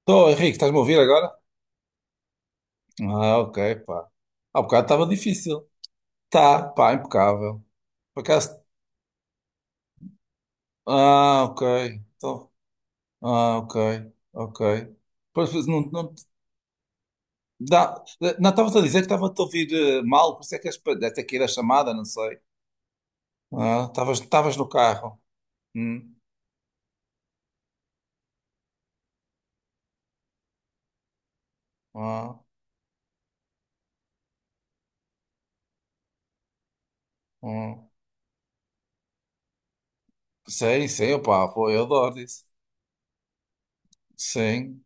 Estou, Henrique, estás-me a ouvir agora? Ah, ok, pá. Há bocado estava difícil. Tá, pá, impecável. Por acaso. Ah, ok. Então, ok, ok. Pois, não, dá, não estavas a dizer que estava-te a ouvir mal, por isso é que és, deve ter que ir a chamada, não sei. Ah, estavas no carro. Hum, ah, hum. Sei, opá, pô, eu adoro isso. Sim.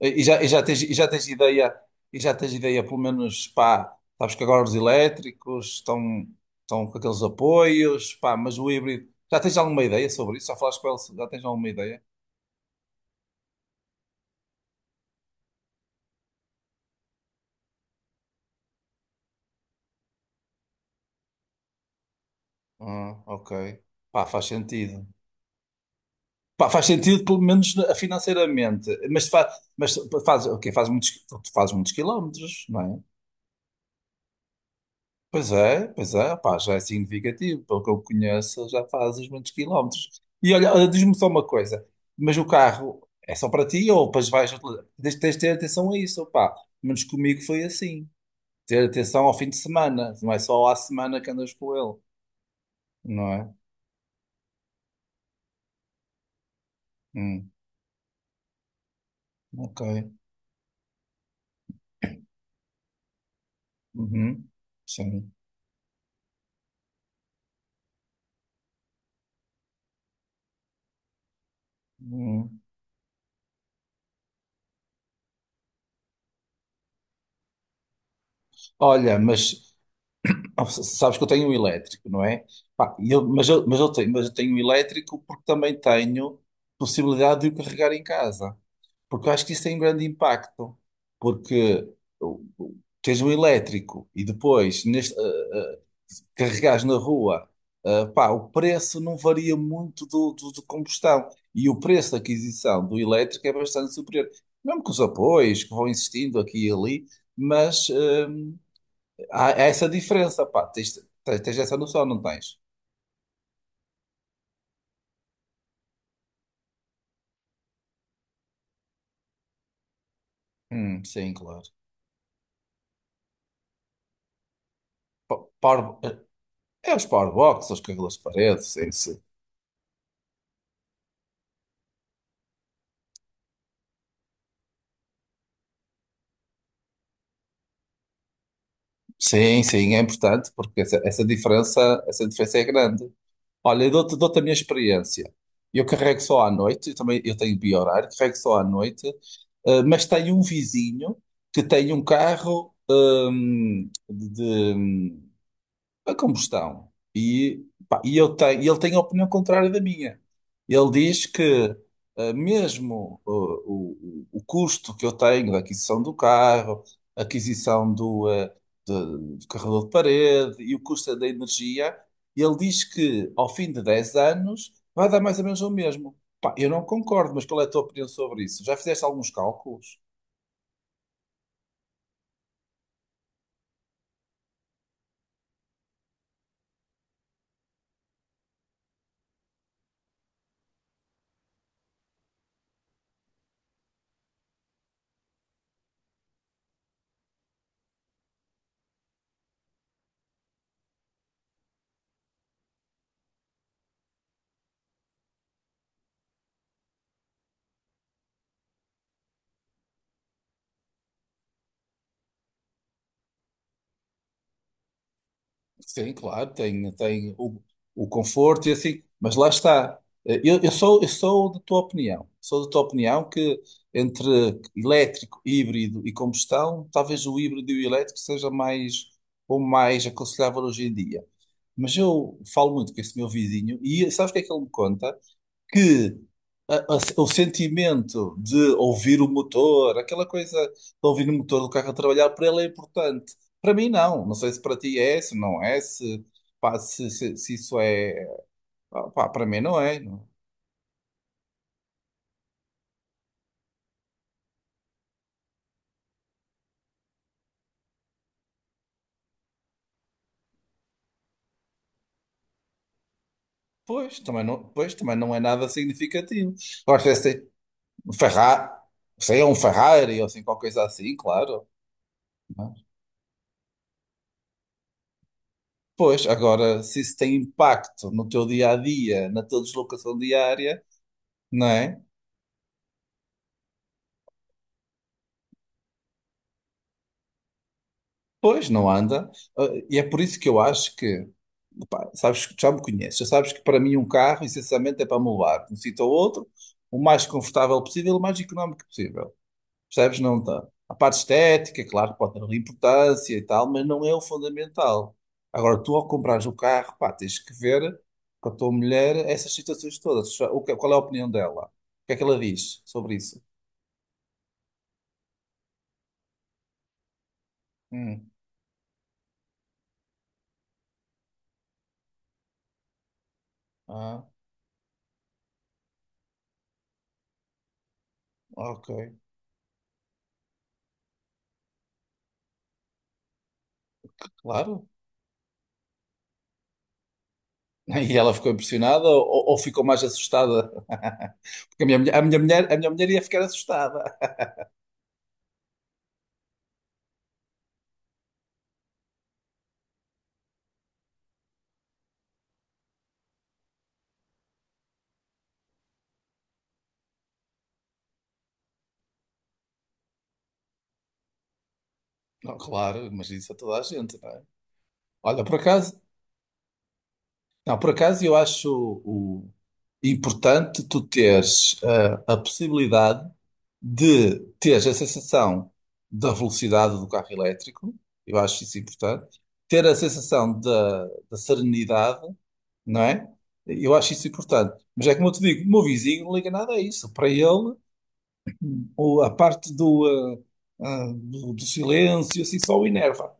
E já tens, e já tens ideia, pelo menos, pá, sabes que agora os elétricos estão com aqueles apoios, pá, mas o híbrido, já tens alguma ideia sobre isso? Já falaste com ele, já tens alguma ideia? Ah, ok. Pá, faz sentido. Pá, faz sentido, pelo menos financeiramente, mas faz, ok, faz muitos, tu fazes muitos quilómetros, não é? Pois é, pá, já é significativo. Pelo que eu conheço, já fazes muitos quilómetros. E olha, diz-me só uma coisa, mas o carro é só para ti ou depois vais utilizar? Tens de ter atenção a isso, pá. Menos comigo foi assim. Ter atenção ao fim de semana, não é só à semana que andas com ele, não é? Hum, ok. Uhum, sim. Hum. Olha, mas ah, sabes que eu tenho um elétrico, não é? Pá, e eu- mas, eu, mas eu tenho um elétrico porque também tenho possibilidade de o carregar em casa. Porque eu acho que isso tem um grande impacto. Porque o- o- tens um elétrico e depois neste, carregares na rua, pá, o preço não varia muito do combustão. E o preço de aquisição do elétrico é bastante superior. Mesmo com os apoios que vão existindo aqui e ali, mas. hum, há essa diferença, pá. Tens essa noção, não tens? Sim, claro. Power, é os power box, os cabelos de parede, sim, sim. Sim, sim, é importante, porque essa diferença é grande. Olha, eu dou-te a minha experiência. Eu carrego só à noite, eu tenho bi-horário, carrego só à noite, mas tenho um vizinho que tem um carro a combustão. E, pá, e ele tem a opinião contrária da minha. Ele diz que mesmo o custo que eu tenho da aquisição do carro, aquisição do, eh, de- do carregador de parede e o custo da energia, ele diz que ao fim de 10 anos vai dar mais ou menos o mesmo. Pá, eu não concordo, mas qual é a tua opinião sobre isso? Já fizeste alguns cálculos? Sim, claro, tem o conforto e assim, mas lá está. Eu sou da tua opinião. Sou da tua opinião que entre elétrico, híbrido e combustão, talvez o híbrido e o elétrico seja mais aconselhável hoje em dia. Mas eu falo muito com esse meu vizinho e sabes o que é que ele me conta? Que o sentimento de ouvir o motor, aquela coisa de ouvir o motor do carro a trabalhar, para ele é importante. Para mim, não. Não sei se para ti é, se não é, se isso é. Pá, para mim não é. Não. Pois, também não é nada significativo. Gosto de Ferrari, sei, é um Ferrari ou assim, qualquer coisa assim, claro. mas- Pois, agora, se isso tem impacto no teu dia a dia, na tua deslocação diária, não é? Pois, não anda. Ah, e é por isso que eu acho que, pá, sabes, que já me conheces, já sabes que para mim um carro, essencialmente, é para me levar de um sítio ao outro, o mais confortável possível, o mais económico possível. Percebes? Não está. A parte estética, claro que pode ter ali importância e tal, mas não é o fundamental. Agora, tu ao comprares o carro, pá, tens que ver com a tua mulher essas situações todas. Qual é a opinião dela? O que é que ela diz sobre isso? Hum. Ah, ok. Claro. E ela ficou impressionada ou ficou mais assustada? Porque a minha mulher ia ficar assustada. Não, claro, mas isso a toda a gente, não é? Olha, por acaso, não, por acaso eu acho o, importante tu teres a possibilidade de teres a sensação da velocidade do carro elétrico, eu acho isso importante, ter a sensação da serenidade, não é? Eu acho isso importante. Mas é como eu te digo, o meu vizinho não liga nada a isso. Para ele, a parte do, ah, ah, do, do silêncio, assim, só o enerva.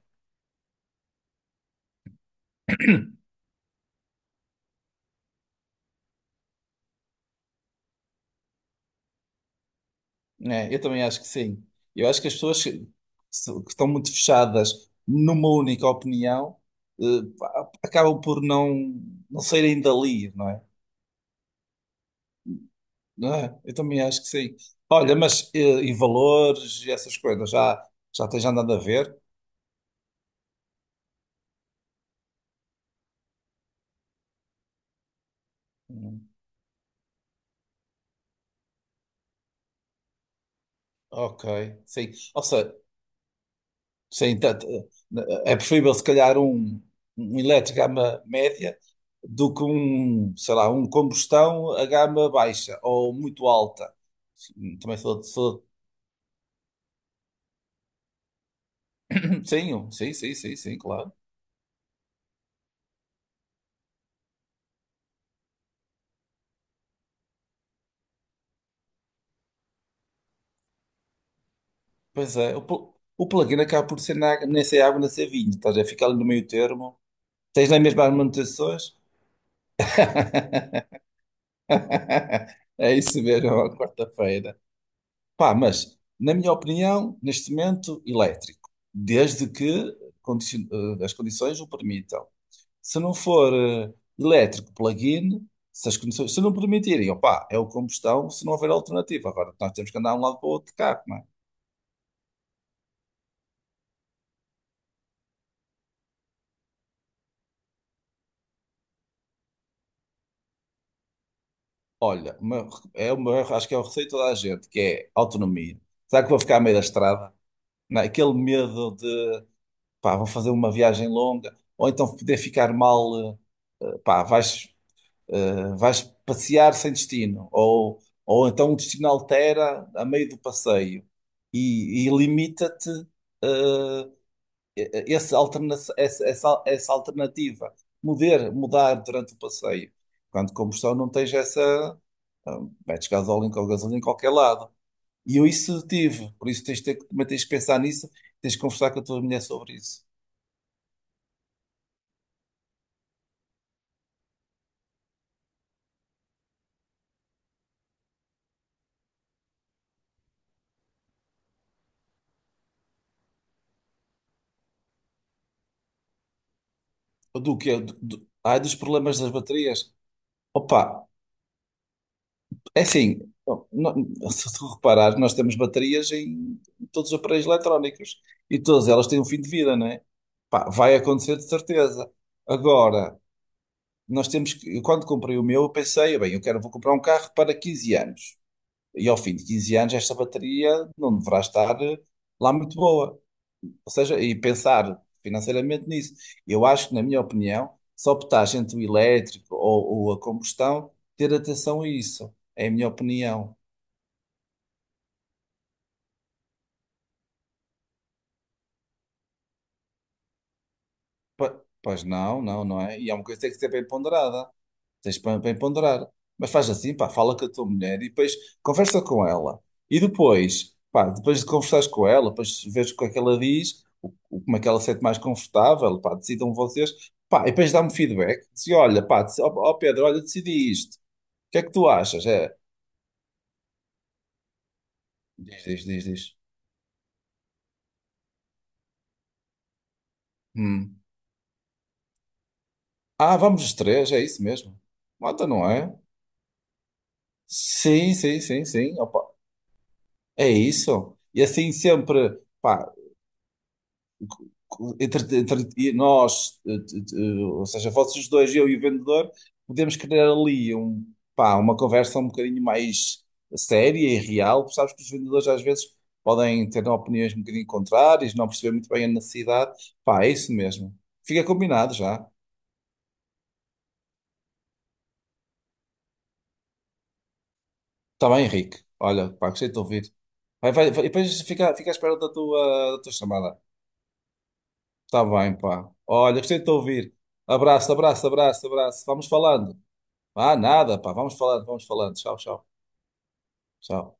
Né, eu também acho que sim. Eu acho que as pessoas que, se- que estão muito fechadas numa única opinião, eh, pá, acabam por não, não saírem dali, não é? Não é? Eu também acho que sim. Olha, mas e valores e essas coisas, já tens andado a ver? Ok, sim. Ou seja, sim, tanto, é preferível se calhar um elétrico à gama média do que um, sei lá, um combustão a gama baixa ou muito alta. Sim, sou sim, sim, sim, sim, sim, claro. Pois é, o plug-in acaba por ser nem ser água, nem ser vinho, estás a ficar ali no meio termo. Tens nem mesmo as manutenções? É isso mesmo, é uma quarta-feira. Pá, mas, na minha opinião, neste momento, elétrico, desde que condici- as condições o permitam. Se não for elétrico plug-in, se as condições se não permitirem, opá, é o combustão se não houver alternativa. Agora, nós temos que andar de um lado para o outro de carro, não é? Olha, é uma, acho que é o receio de toda a gente, que é autonomia. Será que vou ficar a meio da estrada? Não é? Aquele medo de, pá, vou fazer uma viagem longa, ou então poder ficar mal. Pá, vais. Vais passear sem destino, ou então o destino altera a meio do passeio e limita-te uh, esse alterna- essa alternativa. Mudar durante o passeio. Quando combustão não tens essa. ah, Metes gasolina ou gasolina em qualquer lado. E eu isso tive, por isso tens de ter, também tens de pensar nisso, tens de conversar com a tua mulher sobre isso. Do que é? Ai, dos problemas das baterias. Opa, é assim, bom, se tu reparares, nós temos baterias em todos os aparelhos eletrónicos e todas elas têm um fim de vida, não é? Pá, vai acontecer de certeza. Agora, nós temos que, eu quando comprei o meu, eu pensei, bem, vou comprar um carro para 15 anos. E ao fim de 15 anos, esta bateria não deverá estar lá muito boa. Ou seja, e pensar financeiramente nisso. Eu acho que, na minha opinião, se optares entre o elétrico ou a combustão, ter atenção a isso. É a minha opinião. Pois não, não, não é? E é uma coisa que tem que ser bem ponderada. Tens para, para ponderar. Mas faz assim, pá, fala com a tua mulher e depois conversa com ela. E depois, pá, depois de conversares com ela, depois vês o que é que ela diz, como é que ela se sente mais confortável, pá, decidam vocês. Pá, e depois dá-me feedback. Diz, olha, pá, ó Pedro, olha, decidi isto. O que é que tu achas? É, diz. Hum. Ah, vamos os três, é isso mesmo. Mota, não é? Sim. Opa, é isso. E assim sempre. Pá, entre nós, ou seja, vocês dois, eu e o vendedor, podemos criar ali pá, uma conversa um bocadinho mais séria e real. Tu sabes que os vendedores às vezes podem ter opiniões um bocadinho contrárias, não perceber muito bem a necessidade. Pá, é isso mesmo. Fica combinado já. Está bem, Henrique. Olha, pá, gostei de te ouvir. Vai, e depois fica à espera da tua chamada. Está bem, pá. Olha, gostei de te ouvir. Abraço. Vamos falando. Ah, nada, pá. Vamos falando. Tchau.